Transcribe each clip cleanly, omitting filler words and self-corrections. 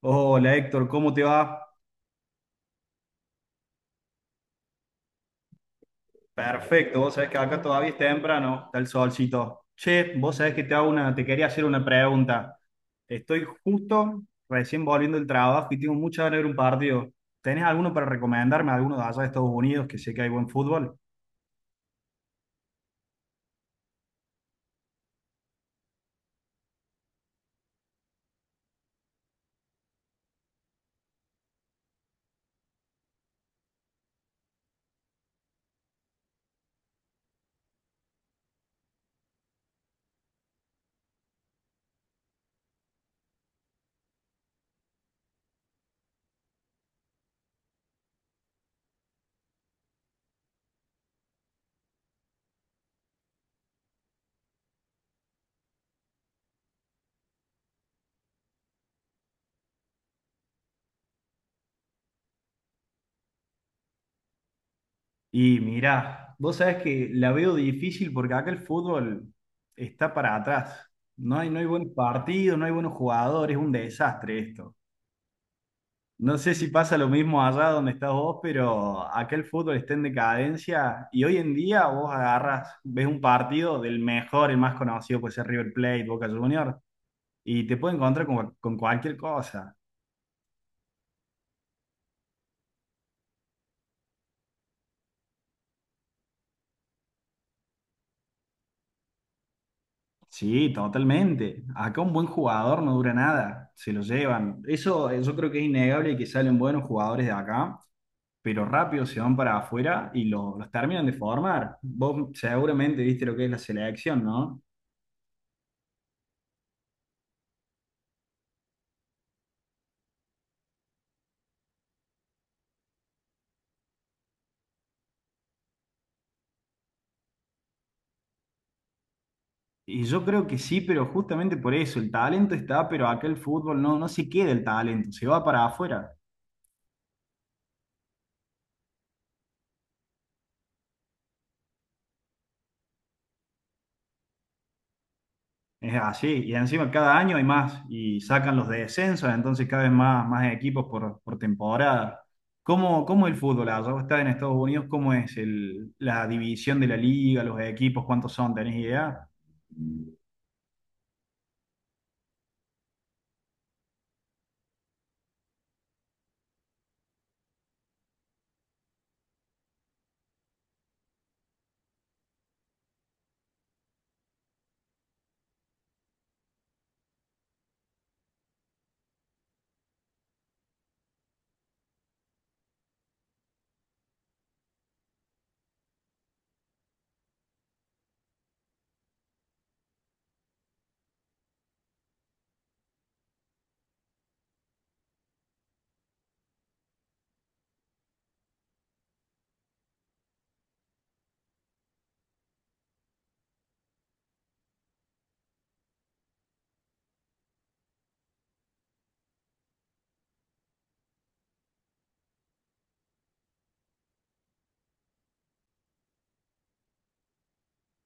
Hola Héctor, ¿cómo te va? Perfecto, vos sabés que acá todavía es temprano, está el solcito. Che, vos sabés que te quería hacer una pregunta. Estoy justo recién volviendo del trabajo y tengo mucha ganas de ver un partido. ¿Tenés alguno para recomendarme, alguno de allá de Estados Unidos que sé que hay buen fútbol? Y mirá, vos sabés que la veo difícil porque acá el fútbol está para atrás. No hay buenos partidos, no hay buenos jugadores, es un desastre esto. No sé si pasa lo mismo allá donde estás vos, pero acá el fútbol está en decadencia y hoy en día vos agarras, ves un partido del mejor, el más conocido puede ser River Plate, Boca Juniors, y te puede encontrar con cualquier cosa. Sí, totalmente. Acá un buen jugador no dura nada, se lo llevan. Eso yo creo que es innegable que salen buenos jugadores de acá, pero rápido se van para afuera y los terminan de formar. Vos seguramente viste lo que es la selección, ¿no? Y yo creo que sí, pero justamente por eso, el talento está, pero acá el fútbol no, no se queda el talento, se va para afuera. Es así, y encima cada año hay más, y sacan los descensos, entonces cada vez más, más equipos por temporada. ¿Cómo el fútbol allá? ¿Vos estás en Estados Unidos? ¿Cómo es la división de la liga, los equipos, cuántos son? ¿Tenés idea?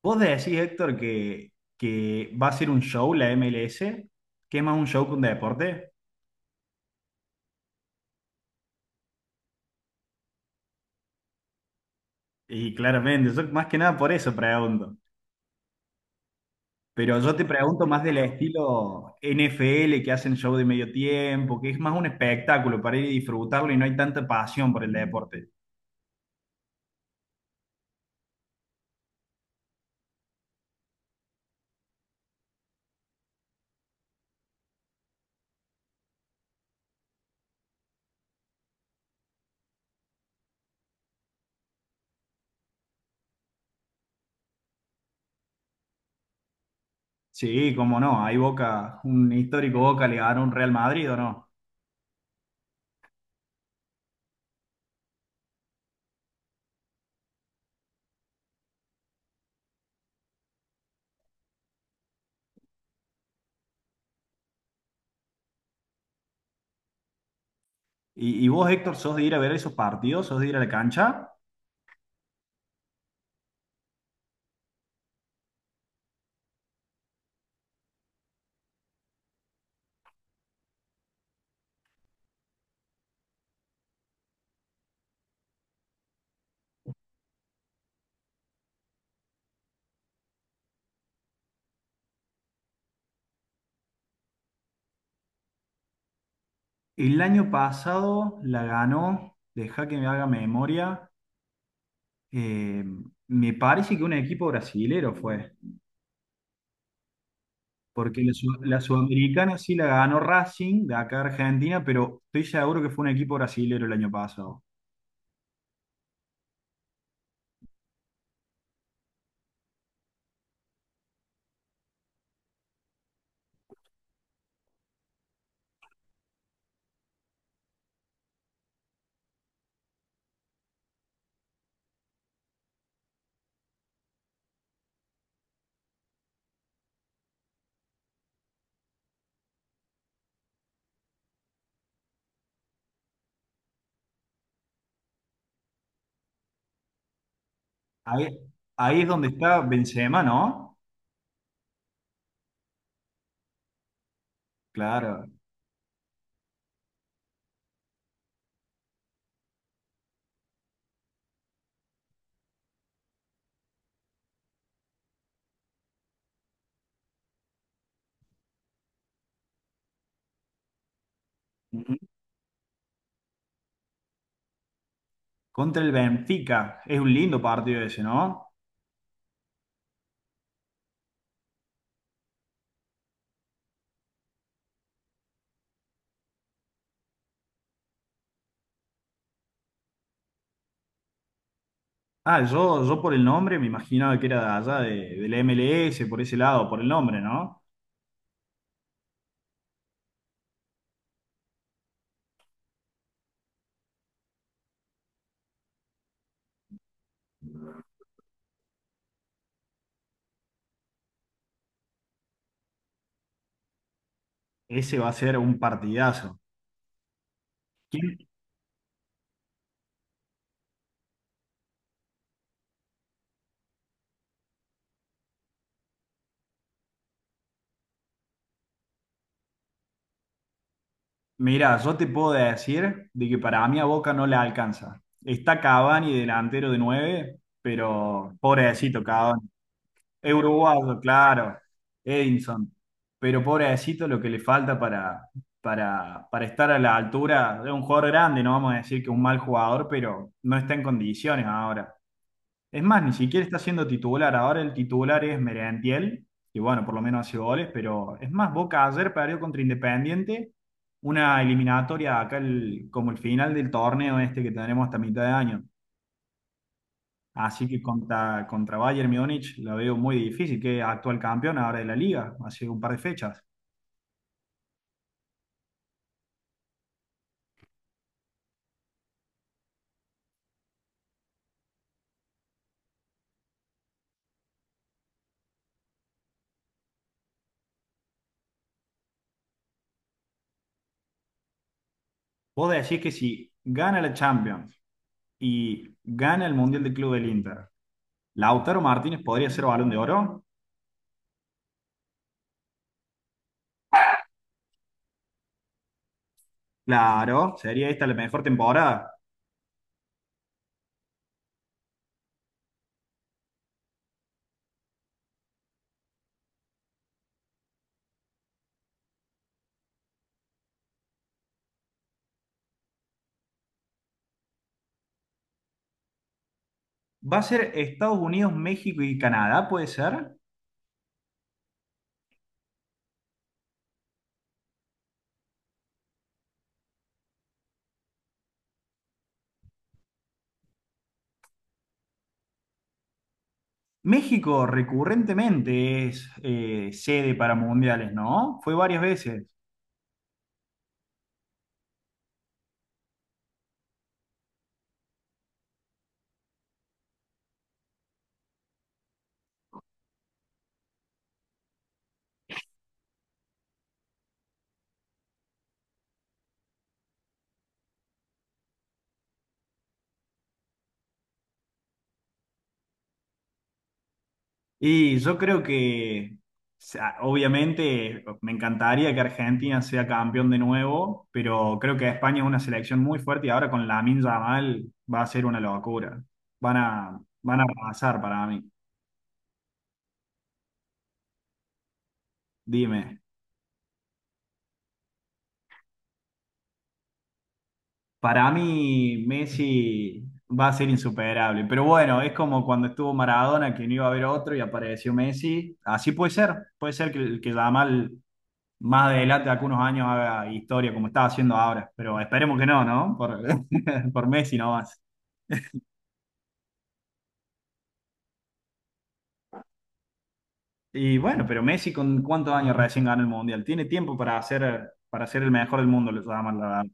¿Vos decís, Héctor, que va a ser un show la MLS? ¿Que es más un show que un deporte? Y claramente, yo más que nada por eso pregunto. Pero yo te pregunto más del estilo NFL que hacen show de medio tiempo, que es más un espectáculo para ir y disfrutarlo y no hay tanta pasión por el deporte. Sí, cómo no, hay Boca, un histórico Boca le ganó un Real Madrid o no. Y vos, Héctor, sos de ir a ver esos partidos? ¿Sos de ir a la cancha? El año pasado la ganó, deja que me haga memoria, eh, me parece que un equipo brasilero fue. Porque la Sudamericana sí la ganó Racing de acá a Argentina, pero estoy seguro que fue un equipo brasilero el año pasado. Ahí, ahí es donde está Benzema, ¿no? Claro. Ujú. Contra el Benfica. Es un lindo partido ese, ¿no? Ah, yo por el nombre me imaginaba que era de allá, del MLS, por ese lado, por el nombre, ¿no? Ese va a ser un partidazo. ¿Quién, Mira, yo te puedo decir de que para mí a Boca no le alcanza. Está Cavani delantero de 9, pero pobrecito Cavani. Es uruguayo, claro. Edinson. Pero pobrecito lo que le falta para estar a la altura de un jugador grande. No vamos a decir que un mal jugador, pero no está en condiciones ahora. Es más, ni siquiera está siendo titular. Ahora el titular es Merentiel, que bueno, por lo menos hace goles, pero es más, Boca ayer perdió contra Independiente, una eliminatoria acá como el final del torneo este que tenemos hasta mitad de año. Así que contra Bayern Múnich la veo muy difícil, que es actual campeón ahora de la liga, hace un par de fechas. Vos decís que si gana la Champions y gana el Mundial de Club del Inter, ¿Lautaro Martínez podría ser Balón de Oro? Claro, sería esta la mejor temporada. Va a ser Estados Unidos, México y Canadá, ¿puede ser? México recurrentemente es sede para mundiales, ¿no? Fue varias veces. Y yo creo que, o sea, obviamente, me encantaría que Argentina sea campeón de nuevo, pero creo que España es una selección muy fuerte y ahora con Lamine Yamal va a ser una locura. Van a arrasar para mí. Dime. Para mí, Messi va a ser insuperable. Pero bueno, es como cuando estuvo Maradona, que no iba a haber otro y apareció Messi. Así puede ser. Puede ser que Yamal más adelante, de algunos años, haga historia como está haciendo ahora. Pero esperemos que no, ¿no? Por, por Messi nomás. Y bueno, pero Messi, ¿con cuántos años recién ganó el Mundial? Tiene tiempo para hacer, para ser el mejor del mundo, lo Yamal, la verdad.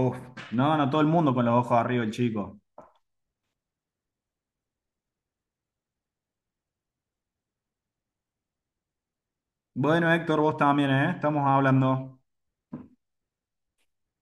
Uf, no, todo el mundo con los ojos arriba, el chico. Bueno, Héctor, vos también, ¿eh? Estamos hablando.